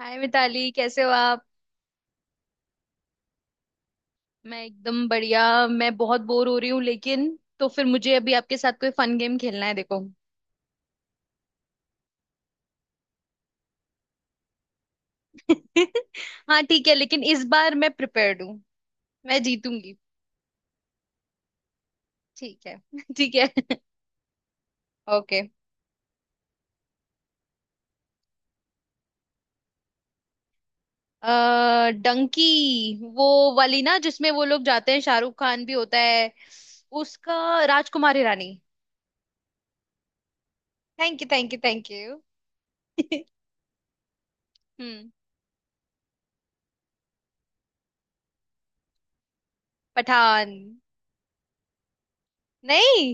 हाय मिताली, कैसे हो आप। मैं एकदम बढ़िया। मैं बहुत बोर हो रही हूँ लेकिन। तो फिर मुझे अभी आपके साथ कोई फन गेम खेलना है, देखो। हाँ ठीक है, लेकिन इस बार मैं प्रिपेयर्ड हूँ। मैं जीतूंगी। ठीक है ठीक है। ओके। डंकी, वो वाली ना जिसमें वो लोग जाते हैं, शाहरुख खान भी होता है। उसका राजकुमारी रानी। Thank you thank you thank you. हम्म। पठान। नहीं।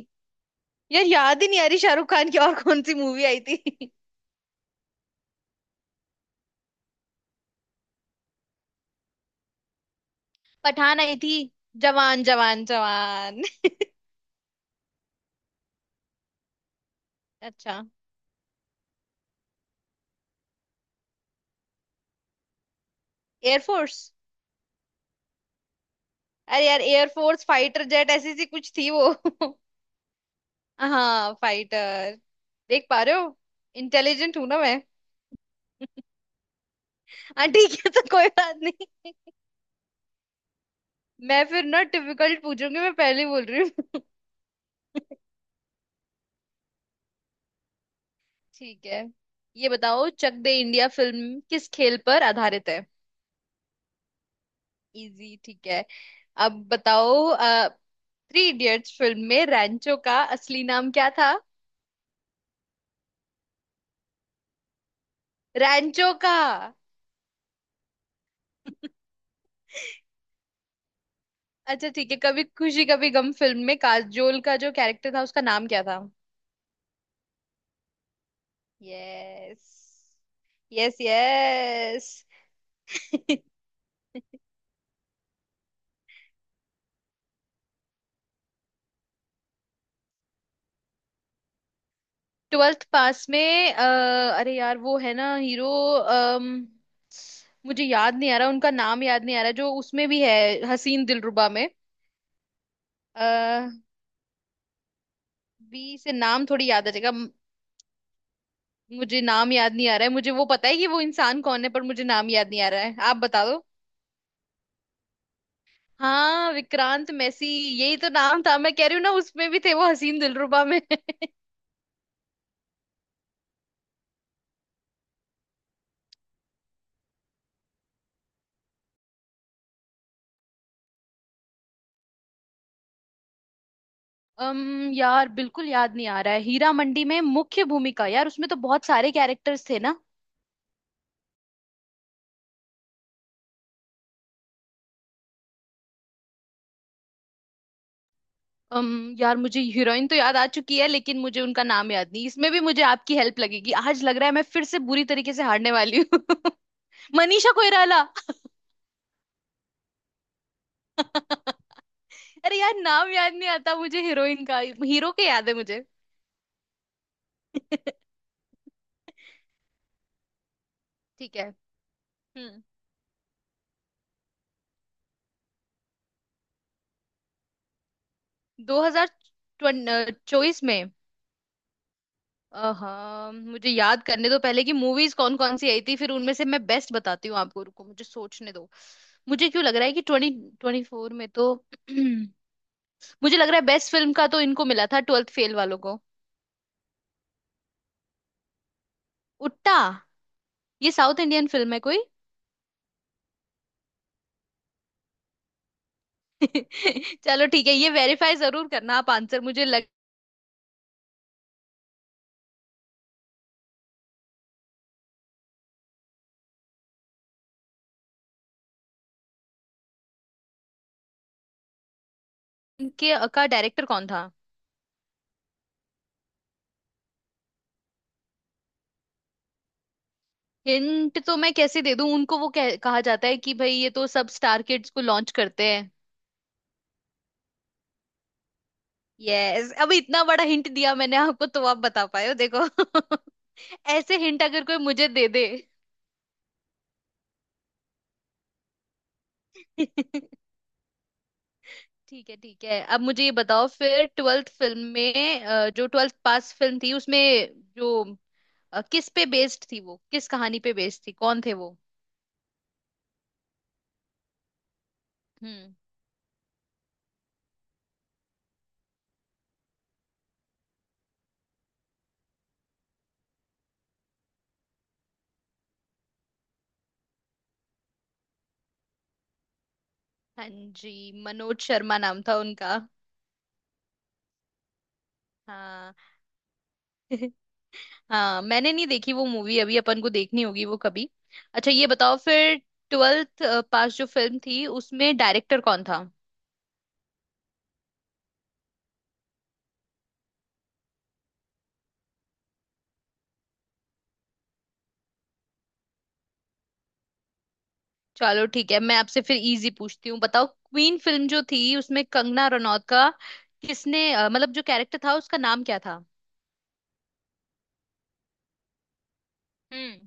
यार याद ही नहीं आ रही, शाहरुख खान की और कौन सी मूवी आई थी। पठान आई थी। जवान जवान जवान अच्छा। एयरफोर्स। अरे यार, एयरफोर्स फाइटर जेट ऐसी सी कुछ थी वो। हाँ फाइटर। देख पा रहे हो। इंटेलिजेंट हूं ना मैं। हाँ ठीक है, तो कोई बात नहीं। मैं फिर ना डिफिकल्ट पूछूंगी, मैं पहले ही बोल रही हूँ। ठीक है। ये बताओ, चक दे इंडिया फिल्म किस खेल पर आधारित है। इजी ठीक है। अब बताओ। थ्री इडियट्स फिल्म में रैंचो का असली नाम क्या था। रैंचो का। अच्छा ठीक है, कभी खुशी कभी गम फिल्म में काजोल का जो कैरेक्टर था उसका नाम क्या था। Yes yes yes. Twelfth pass में। अ, अरे यार वो है ना हीरो। मुझे याद नहीं आ रहा उनका नाम, याद नहीं आ रहा जो उसमें भी है। हसीन दिलरुबा में। अः बी से नाम थोड़ी याद आ जाएगा। मुझे नाम याद नहीं आ रहा है, मुझे वो पता है कि वो इंसान कौन है, पर मुझे नाम याद नहीं आ रहा है, आप बता। हाँ विक्रांत मैसी। यही तो नाम था, मैं कह रही हूँ ना उसमें भी थे वो हसीन दिलरुबा में अम यार बिल्कुल याद नहीं आ रहा है, हीरा मंडी में मुख्य भूमिका, यार उसमें तो बहुत सारे कैरेक्टर्स थे ना। अम यार मुझे हीरोइन तो याद आ चुकी है, लेकिन मुझे उनका नाम याद नहीं, इसमें भी मुझे आपकी हेल्प लगेगी, आज लग रहा है मैं फिर से बुरी तरीके से हारने वाली हूँ मनीषा कोइराला। अरे यार नाम याद नहीं आता मुझे हीरोइन का। हीरो के याद है मुझे। ठीक है। हम्म। 2024 में। हाँ मुझे याद करने दो पहले कि मूवीज कौन कौन सी आई थी, फिर उनमें से मैं बेस्ट बताती हूँ आपको, रुको मुझे सोचने दो। मुझे क्यों लग रहा है कि 2024 में तो मुझे लग रहा है बेस्ट फिल्म का तो इनको मिला था, ट्वेल्थ फेल वालों को। उट्टा। ये साउथ इंडियन फिल्म है कोई। चलो ठीक है, ये वेरीफाई जरूर करना आप आंसर, मुझे लग। के का डायरेक्टर कौन था। हिंट तो मैं कैसे दे दूं उनको, वो कहा जाता है कि भाई ये तो सब स्टार किड्स को लॉन्च करते हैं। यस, अभी इतना बड़ा हिंट दिया मैंने आपको तो आप बता पाए हो, देखो ऐसे हिंट अगर कोई मुझे दे दे। ठीक है ठीक है, अब मुझे ये बताओ फिर ट्वेल्थ फिल्म में जो ट्वेल्थ पास फिल्म थी उसमें जो किस पे बेस्ड थी वो, किस कहानी पे बेस्ड थी कौन थे वो। हम्म। हाँ जी। मनोज शर्मा नाम था उनका। हाँ हाँ मैंने नहीं देखी वो मूवी, अभी अपन को देखनी होगी वो कभी। अच्छा ये बताओ फिर, ट्वेल्थ पास जो फिल्म थी उसमें डायरेक्टर कौन था। चलो ठीक है, मैं आपसे फिर इजी पूछती हूँ, बताओ क्वीन फिल्म जो थी उसमें कंगना रनौत का किसने मतलब जो कैरेक्टर था उसका नाम क्या था। हम्म।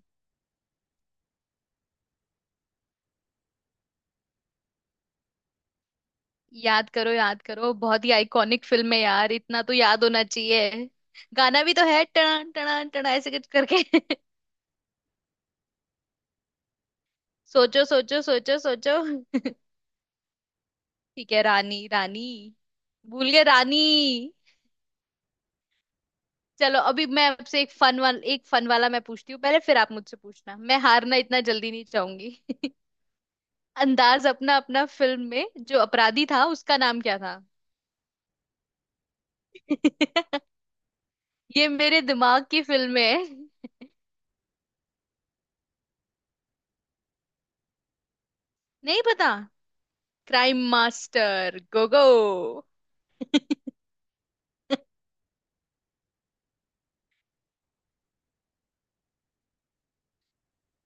याद करो याद करो, बहुत ही आइकॉनिक फिल्म है यार, इतना तो याद होना चाहिए। गाना भी तो है, टना टना टना ऐसे कुछ करके सोचो सोचो सोचो सोचो। ठीक है रानी रानी, भूल गए रानी। चलो अभी मैं आपसे एक फन वाला मैं पूछती हूँ पहले, फिर आप मुझसे पूछना, मैं हारना इतना जल्दी नहीं चाहूंगी अंदाज अपना अपना फिल्म में जो अपराधी था उसका नाम क्या था। ये मेरे दिमाग की फिल्म है। नहीं पता। Crime master Gogo.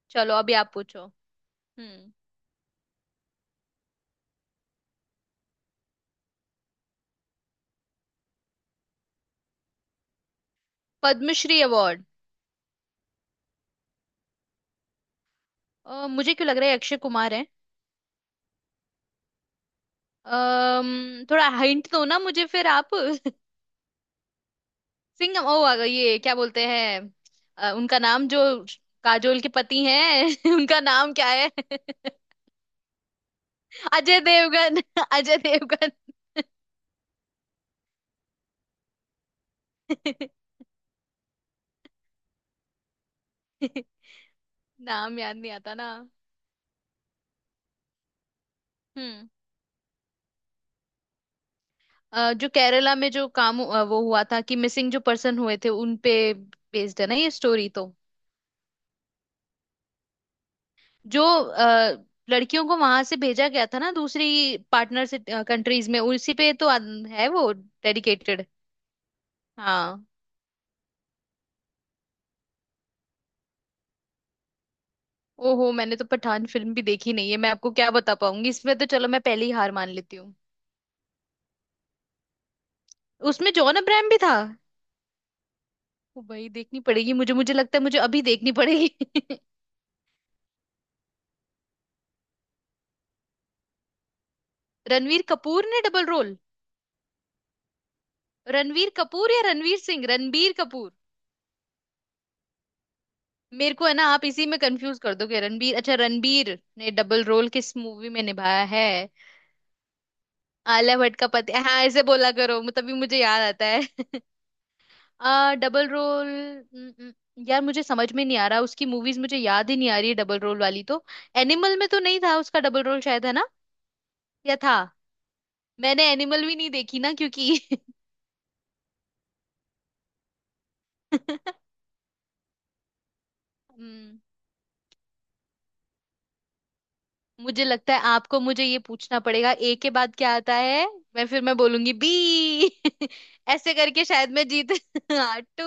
चलो अभी आप पूछो। हम्म। पद्मश्री अवार्ड। मुझे क्यों लग रहा है अक्षय कुमार है। थोड़ा हिंट दो ना मुझे फिर आप सिंह ओ आ गए, ये क्या बोलते हैं, उनका नाम जो काजोल के पति हैं उनका नाम क्या है अजय देवगन अजय देवगन। नाम याद नहीं आता ना। हम्म। जो केरला में जो वो हुआ था कि मिसिंग जो पर्सन हुए थे उन पे बेस्ड है ना ये स्टोरी तो। जो लड़कियों को वहां से भेजा गया था ना, दूसरी पार्टनर से कंट्रीज में, उसी पे तो है वो डेडिकेटेड। हाँ। ओहो मैंने तो पठान फिल्म भी देखी नहीं है, मैं आपको क्या बता पाऊंगी इसमें तो, चलो मैं पहले ही हार मान लेती हूँ। उसमें जॉन अब्राहम भी था। ओ भाई देखनी पड़ेगी मुझे, मुझे लगता है मुझे अभी देखनी पड़ेगी रणवीर कपूर ने डबल रोल। रणवीर कपूर या रणवीर सिंह, रणबीर कपूर। मेरे को है ना, आप इसी में कंफ्यूज कर दोगे, रणबीर, अच्छा रणबीर ने डबल रोल किस मूवी में निभाया है। आलिया भट्ट का पति, हाँ ऐसे बोला करो, तभी मुझे याद आता है आ डबल रोल न- न- यार मुझे समझ में नहीं आ रहा, उसकी मूवीज मुझे याद ही नहीं आ रही है डबल रोल वाली तो। एनिमल में तो नहीं था उसका डबल रोल शायद, है ना, या था। मैंने एनिमल भी नहीं देखी ना क्योंकि हम्म। मुझे लगता है आपको मुझे ये पूछना पड़ेगा, ए के बाद क्या आता है। मैं फिर मैं बोलूंगी बी ऐसे करके शायद मैं जीत हाँ टू।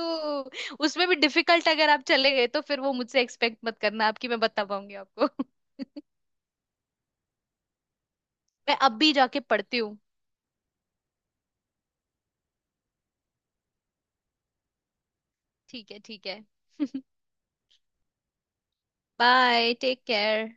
उसमें भी डिफिकल्ट अगर आप चले गए तो फिर वो मुझसे एक्सपेक्ट मत करना, आपकी मैं बता पाऊंगी आपको मैं अब भी जाके पढ़ती हूँ। ठीक है ठीक है। Bye take care.